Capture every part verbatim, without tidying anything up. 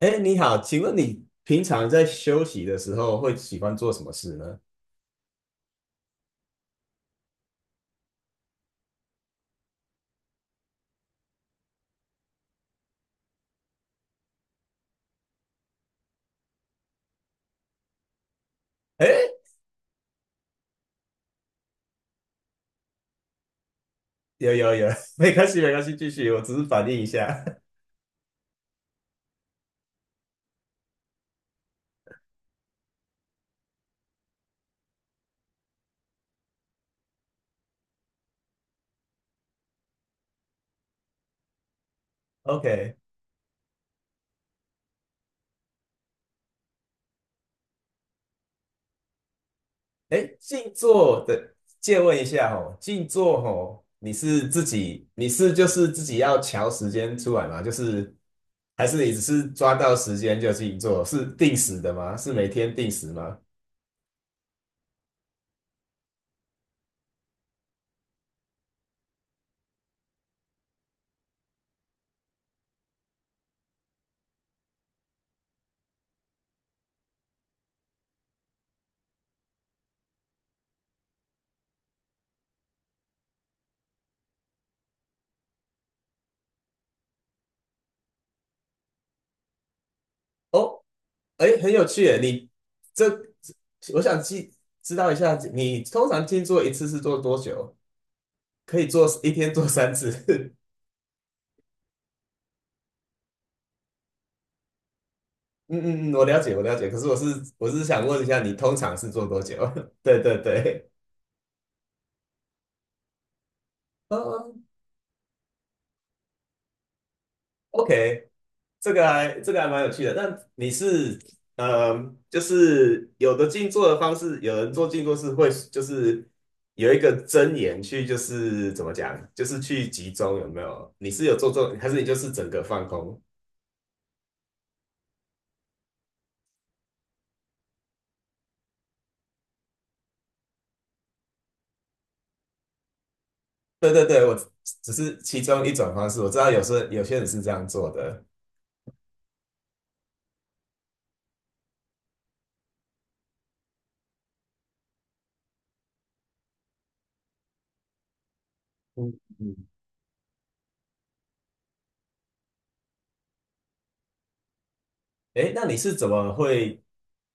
哎，你好，请问你平常在休息的时候会喜欢做什么事呢？哎，有有有，没关系没关系，继续，我只是反应一下。OK，哎，静坐的，借问一下哦，静坐哦，你是自己，你是就是自己要调时间出来吗？就是，还是你只是抓到时间就静坐，是定时的吗？是每天定时吗？哦，哎，很有趣耶！你这，我想记知道一下，你通常静坐一次是做多久？可以做一天做三次？嗯嗯嗯，我了解，我了解。可是我是我是想问一下，你通常是做多久？对对对，哦，OK，这个还这个还蛮有趣的。那你是嗯，就是有的静坐的方式，有人做静坐是会就是有一个真言去，就是怎么讲，就是去集中，有没有？你是有做做，还是你就是整个放空？对对对，我只是其中一种方式。我知道有时候有些人是这样做的。嗯嗯。诶，那你是怎么会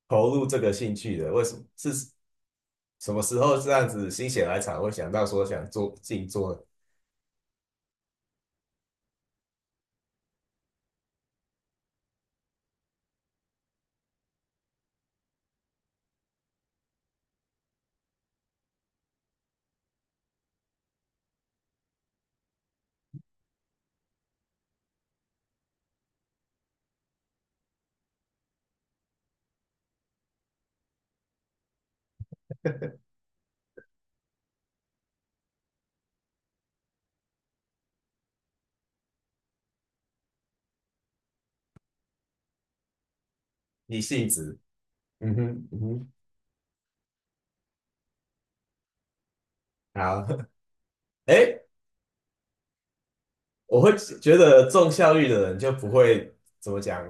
投入这个兴趣的？为什么是什么时候这样子心血来潮会想到说想做静坐？你性值，嗯哼，嗯哼，好，哎，我会觉得重效率的人就不会怎么讲，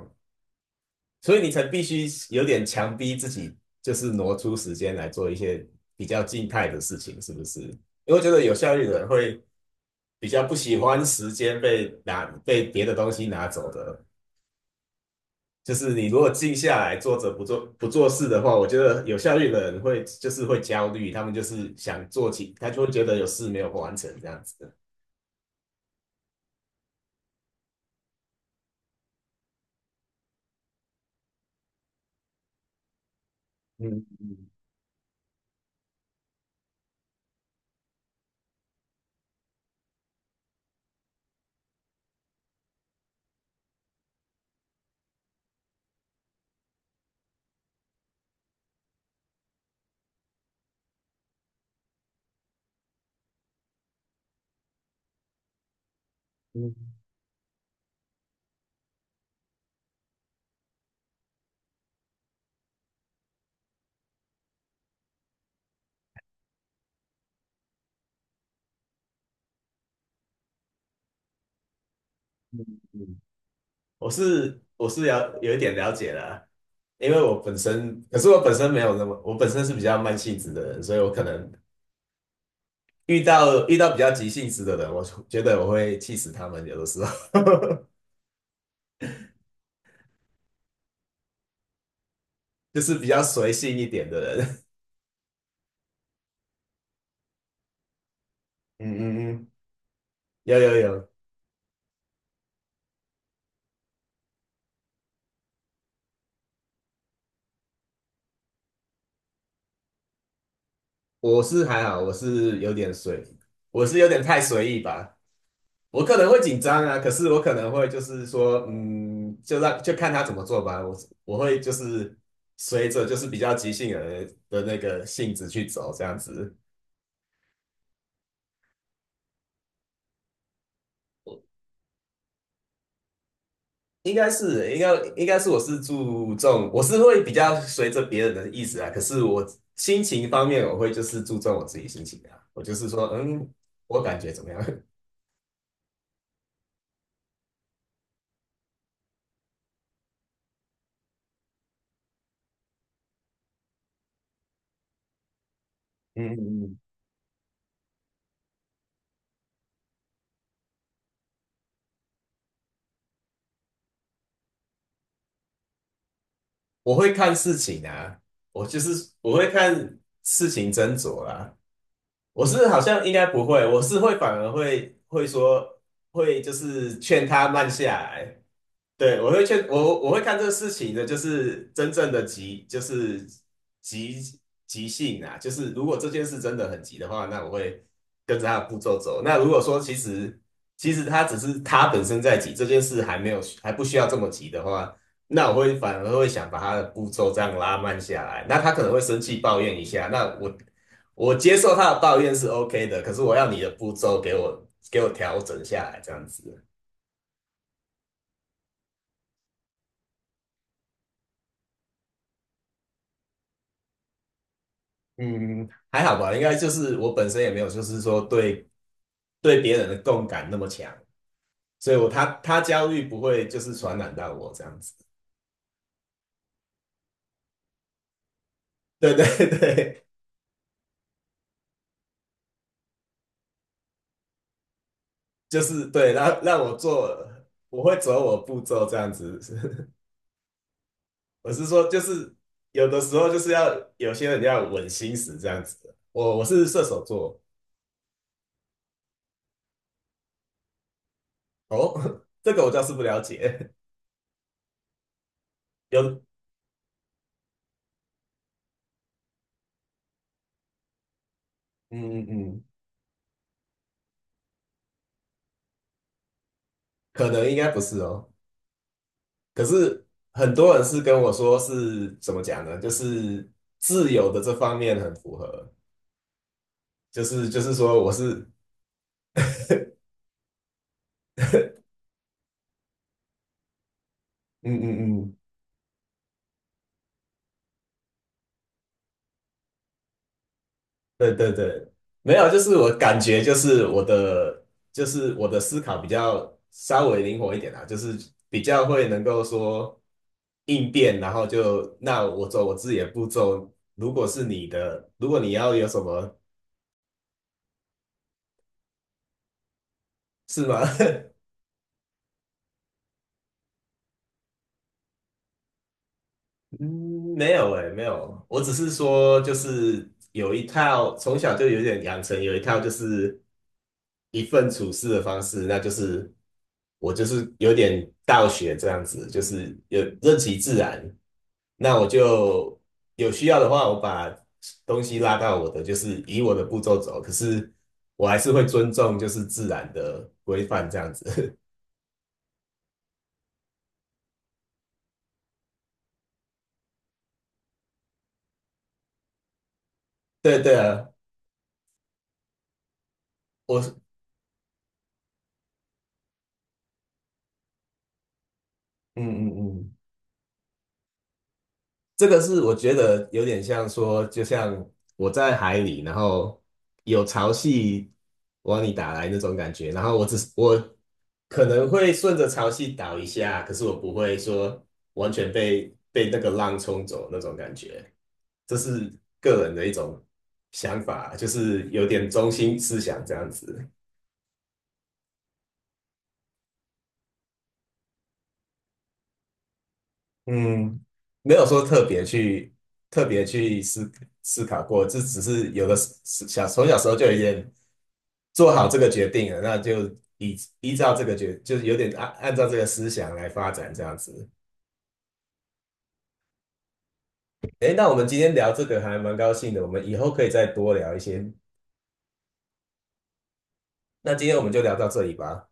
所以你才必须有点强逼自己，就是挪出时间来做一些比较静态的事情，是不是？因为我觉得有效率的人会比较不喜欢时间被拿被别的东西拿走的，就是你如果静下来坐着不做不做事的话，我觉得有效率的人会就是会焦虑，他们就是想做起，他就会觉得有事没有完成这样子。的，嗯嗯。嗯嗯，我是我是了有一点了解啦，因为我本身，可是我本身没有那么，我本身是比较慢性子的人，所以我可能遇到遇到比较急性子的人，我觉得我会气死他们，有的时候 就是比较随性一点的人。嗯嗯嗯，有有有，我是还好，我是有点随，我是有点太随意吧。我可能会紧张啊，可是我可能会就是说，嗯，就让就看他怎么做吧。我我会就是随着就是比较即兴的的那个性质去走，这样子应该是应该应该是我是注重我是会比较随着别人的意思啊，可是我心情方面我会就是注重我自己心情啊，我就是说，嗯，我感觉怎么样？嗯嗯嗯，我会看事情啊，我就是我会看事情斟酌啦、我是好像应该不会，我是会反而会会说会就是劝他慢下来，对，我会劝我我会看这个事情的，就是真正的急，就是急急性啊，就是如果这件事真的很急的话，那我会跟着他的步骤走。那如果说其实其实他只是他本身在急，这件事还没有还不需要这么急的话，那我会反而会想把他的步骤这样拉慢下来。那他可能会生气抱怨一下，那我我接受他的抱怨是 OK 的，可是我要你的步骤给我给我调整下来，这样子。嗯，还好吧，应该就是我本身也没有，就是说对对别人的共感那么强，所以我他他焦虑不会就是传染到我这样子。对 对对，就是对，让让我做，我会走我步骤这样子。我是说，就是有的时候就是要有些人要稳心思这样子。我我是射手座哦，这个我倒是不了解。有，嗯嗯嗯，可能应该不是哦。可是很多人是跟我说是怎么讲呢？就是自由的这方面很符合，就是就是说我是嗯嗯嗯，对对对，没有，就是我感觉就是我的就是我的思考比较稍微灵活一点啊，就是比较会能够说应变，然后就那我走我自己的步骤。如果是你的，如果你要有什么是吗？嗯，没有诶，没有，我只是说就是有一套，从小就有点养成有一套就是一份处事的方式，那就是我就是有点道学这样子，就是有任其自然。那我就有需要的话，我把东西拉到我的，就是以我的步骤走。可是我还是会尊重就是自然的规范这样子。对对啊，我嗯嗯嗯。这个是我觉得有点像说，就像我在海里，然后有潮汐往你打来那种感觉，然后我只是我可能会顺着潮汐倒一下，可是我不会说完全被被那个浪冲走那种感觉，这是个人的一种想法，就是有点中心思想这样子。嗯，没有说特别去特别去思思考过，这只是有的时小从小时候就有点做好这个决定了，那就依依照这个决，就是有点按按照这个思想来发展这样子。诶，那我们今天聊这个还蛮高兴的，我们以后可以再多聊一些。那今天我们就聊到这里吧。